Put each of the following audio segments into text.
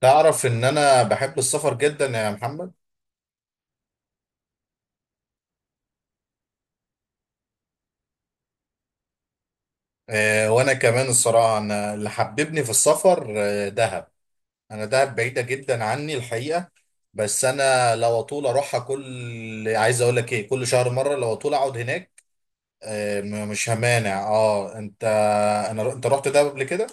تعرف ان انا بحب السفر جدا يا محمد؟ آه، وانا كمان الصراحه، انا اللي حببني في السفر دهب. انا، دهب بعيده جدا عني الحقيقه. بس انا لو اطول اروحها، عايز اقول لك ايه، كل شهر مره، لو اطول اقعد هناك. آه، مش همانع. اه انت، انت رحت دهب قبل كده؟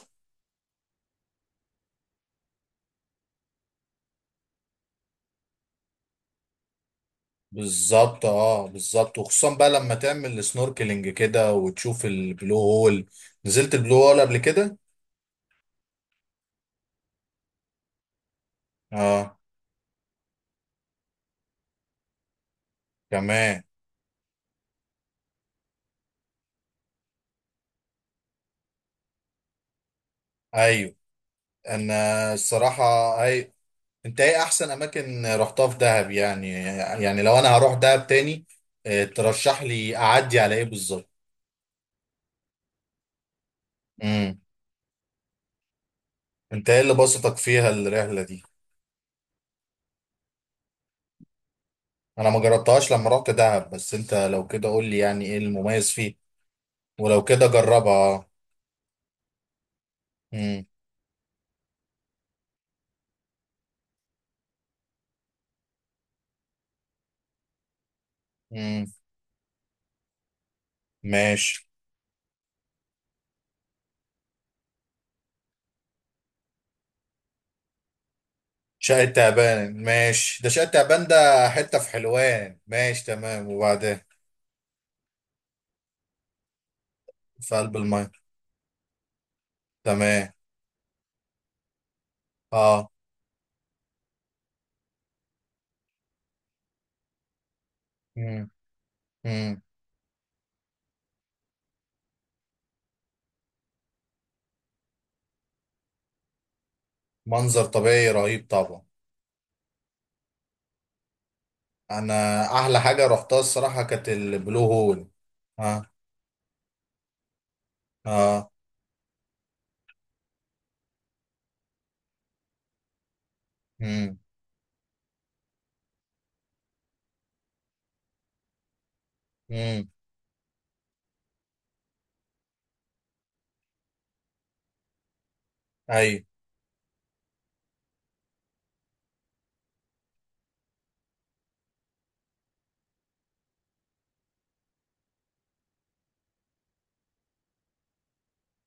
بالظبط، بالظبط، وخصوصا بقى لما تعمل سنوركلينج كده وتشوف البلو هول. نزلت البلو هول قبل كده؟ اه. كمان. ايوه. انا الصراحه. هاي. انت ايه احسن اماكن رحتها في دهب يعني؟ يعني لو انا هروح دهب تاني، ترشح لي اعدي على ايه بالظبط؟ امم. انت ايه اللي بسطك فيها الرحله دي؟ انا ما جربتهاش لما رحت دهب، بس انت لو كده قول لي، يعني ايه المميز فيه؟ ولو كده جربها. امم. امم ماشي. شقة تعبان ماشي، ده شقة تعبان ده حتة في حلوان، ماشي تمام، وبعدين؟ في قلب الماء. تمام. اه. امم. منظر طبيعي رهيب طبعا. انا احلى حاجه رحتها الصراحه كانت البلو هول. اه. اه. امم. امم. ايوه.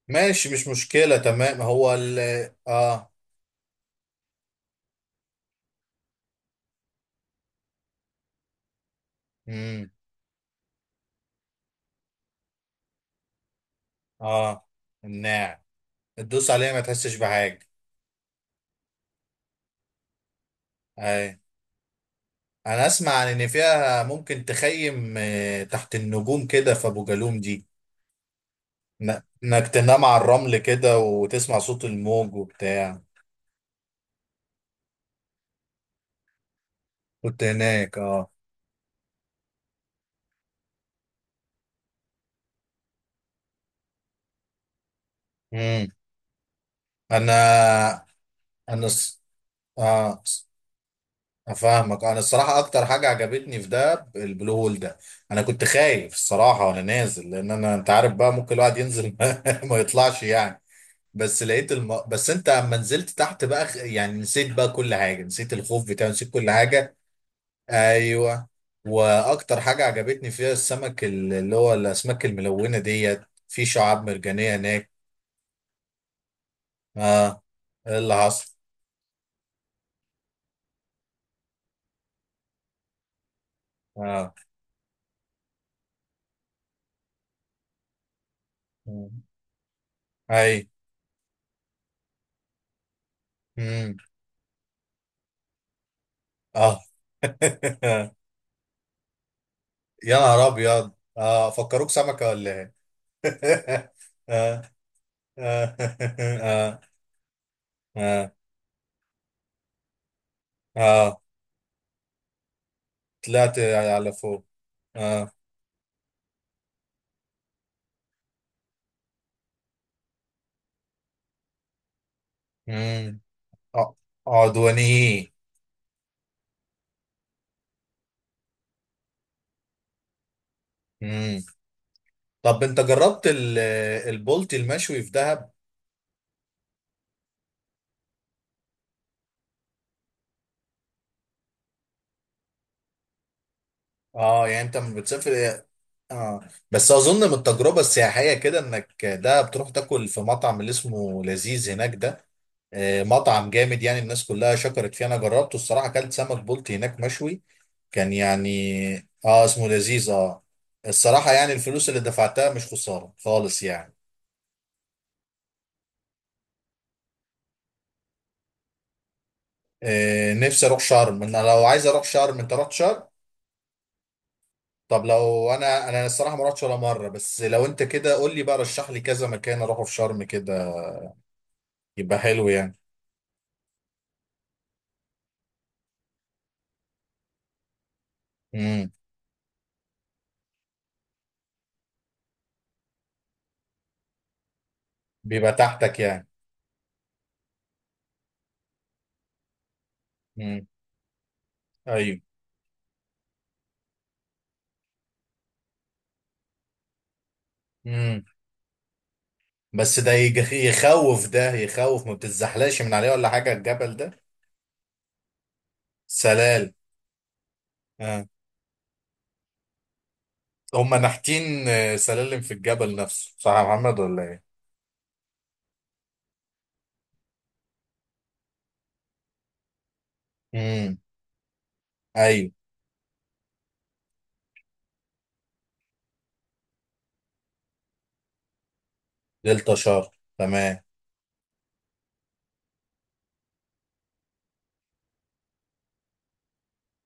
ماشي مش مشكله تمام. هو ال اه. امم. اه. الناعم. تدوس عليها ما تحسش بحاجه. اي. انا اسمع عن ان فيها ممكن تخيم تحت النجوم كده في ابو جالوم دي. انك تنام على الرمل كده وتسمع صوت الموج وبتاع. كنت هناك. اه. امم. انا انا الص- اه. افهمك، انا الصراحه، اكتر حاجه عجبتني في ده البلو هول ده. انا كنت خايف الصراحه وانا نازل، لان انت عارف بقى ممكن الواحد ينزل ما يطلعش يعني. بس انت اما نزلت تحت بقى، يعني نسيت بقى كل حاجه، نسيت الخوف بتاعه، نسيت كل حاجه. ايوه. واكتر حاجه عجبتني فيها السمك، اللي هو الاسماك الملونه ديت، في شعاب مرجانيه هناك. اه. إيه اللي حصل؟ اه. اي. امم. اه. يا نهار ابيض. اه، فكروك سمكه ولا ايه؟ اه. اه. اه. اه. اه. طلعت على فوق. اه. امم. ع- عدواني. امم. طب انت جربت البولتي المشوي في دهب؟ اه، يعني انت لما بتسافر. اه. بس اظن من التجربه السياحيه كده انك ده بتروح تاكل في مطعم اللي اسمه لذيذ هناك ده. مطعم جامد، يعني الناس كلها شكرت فيه، انا جربته الصراحه اكلت سمك بلطي هناك مشوي. كان يعني اسمه لذيذ. اه، الصراحه يعني الفلوس اللي دفعتها مش خساره خالص يعني. آه، نفسي اروح شرم. انا لو عايز اروح شرم، انت رحت شرم؟ طب لو انا، الصراحه ما رحتش ولا مره، بس لو انت كده قول لي بقى، رشح لي كذا مكان اروحه في شرم كده، يبقى حلو. يعني. بيبقى تحتك يعني. امم. ايوه. امم. بس ده يخوف، ده يخوف، ما بتتزحلقش من عليه ولا حاجه الجبل ده؟ سلال. آه. هم نحتين، سلالم في الجبل نفسه صح يا محمد ولا ايه؟ امم. ايوه. دلتا شار. تمام.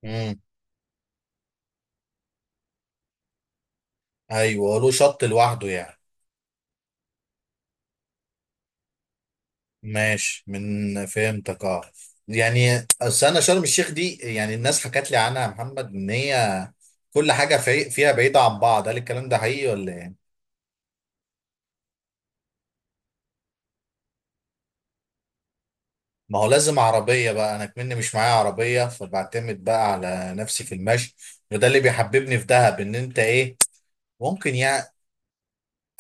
امم. ايوه، هو له شط لوحده يعني. ماشي، من فهمتك اه. يعني اصل انا شرم الشيخ دي، يعني الناس حكت لي عنها يا محمد ان هي كل حاجه فيها بعيده عن بعض، هل الكلام ده حقيقي ولا ايه؟ ما هو لازم عربية بقى، أنا كمني مش معايا عربية، فبعتمد بقى على نفسي في المشي. وده اللي بيحببني في دهب، إن أنت إيه، ممكن يعني.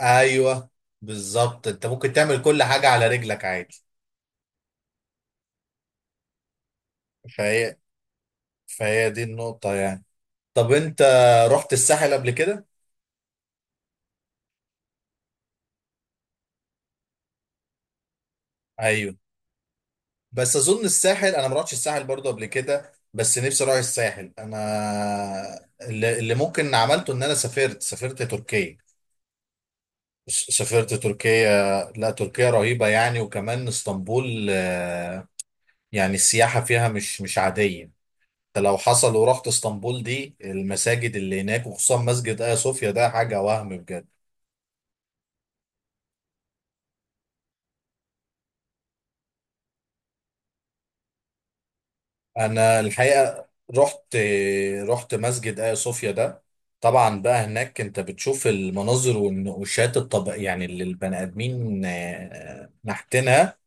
أيوه، بالظبط، أنت ممكن تعمل كل حاجة على رجلك عادي. فهي فهي دي النقطة يعني. طب أنت رحت الساحل قبل كده؟ أيوه. بس أظن الساحل أنا ما رحتش الساحل برضه قبل كده، بس نفسي أروح الساحل أنا. اللي ممكن عملته إن أنا سافرت تركيا. سافرت تركيا. لا، تركيا رهيبة يعني، وكمان اسطنبول. آه، يعني السياحة فيها مش عادية. انت لو حصل ورحت اسطنبول دي، المساجد اللي هناك وخصوصا مسجد آيا صوفيا ده حاجة وهم بجد. انا الحقيقة رحت رحت مسجد آيا صوفيا ده. طبعا بقى هناك انت بتشوف المناظر والنقوشات الطب، يعني اللي البني ادمين نحتينها.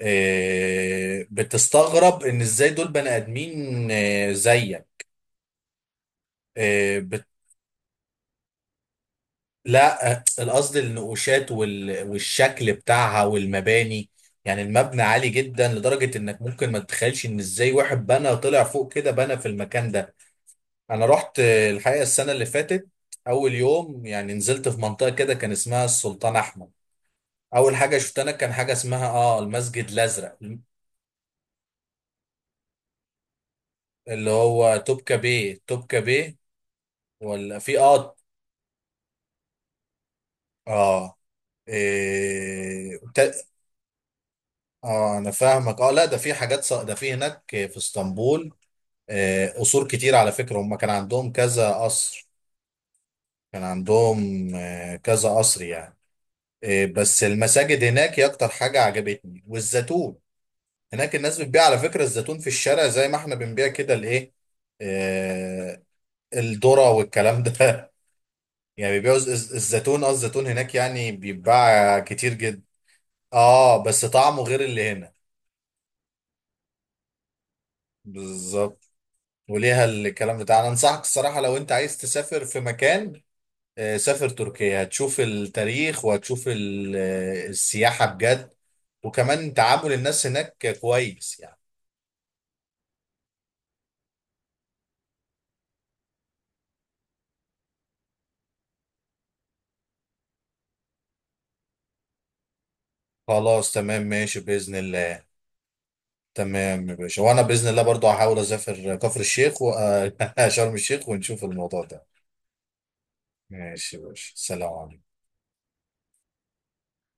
بتستغرب ان ازاي دول بني ادمين زيك. آه، بت... لا، القصد النقوشات والشكل بتاعها والمباني. يعني المبنى عالي جدا لدرجة انك ممكن ما تتخيلش ان ازاي واحد بنى، طلع فوق كده بنى في المكان ده. انا رحت الحقيقة السنة اللي فاتت. اول يوم يعني نزلت في منطقة كده كان اسمها السلطان احمد. اول حاجة شفتها انا كان حاجة اسمها المسجد الازرق. اللي هو توبكا بيه، توبكا بيه، ولا في اه، إيه... اه، انا فاهمك. اه، لا، ده في حاجات ده في هناك في اسطنبول. قصور كتير على فكرة، هم كان عندهم كذا قصر. كان عندهم كذا قصر يعني. بس المساجد هناك هي اكتر حاجة عجبتني، والزيتون هناك. الناس بتبيع على فكرة الزيتون في الشارع، زي ما احنا بنبيع كده الايه، آه، الذرة والكلام ده يعني بيبيعوا الزيتون، الزيتون هناك يعني بيتباع كتير جدا. اه، بس طعمه غير اللي هنا. بالظبط، وليها الكلام بتاع. انا انصحك الصراحه، لو انت عايز تسافر في مكان، سافر تركيا، هتشوف التاريخ وهتشوف السياحه بجد، وكمان تعامل الناس هناك كويس يعني. خلاص تمام، ماشي باذن الله. تمام يا باشا، وانا باذن الله برضو هحاول اسافر كفر الشيخ شرم الشيخ، ونشوف الموضوع ده. ماشي يا باشا، سلام عليكم.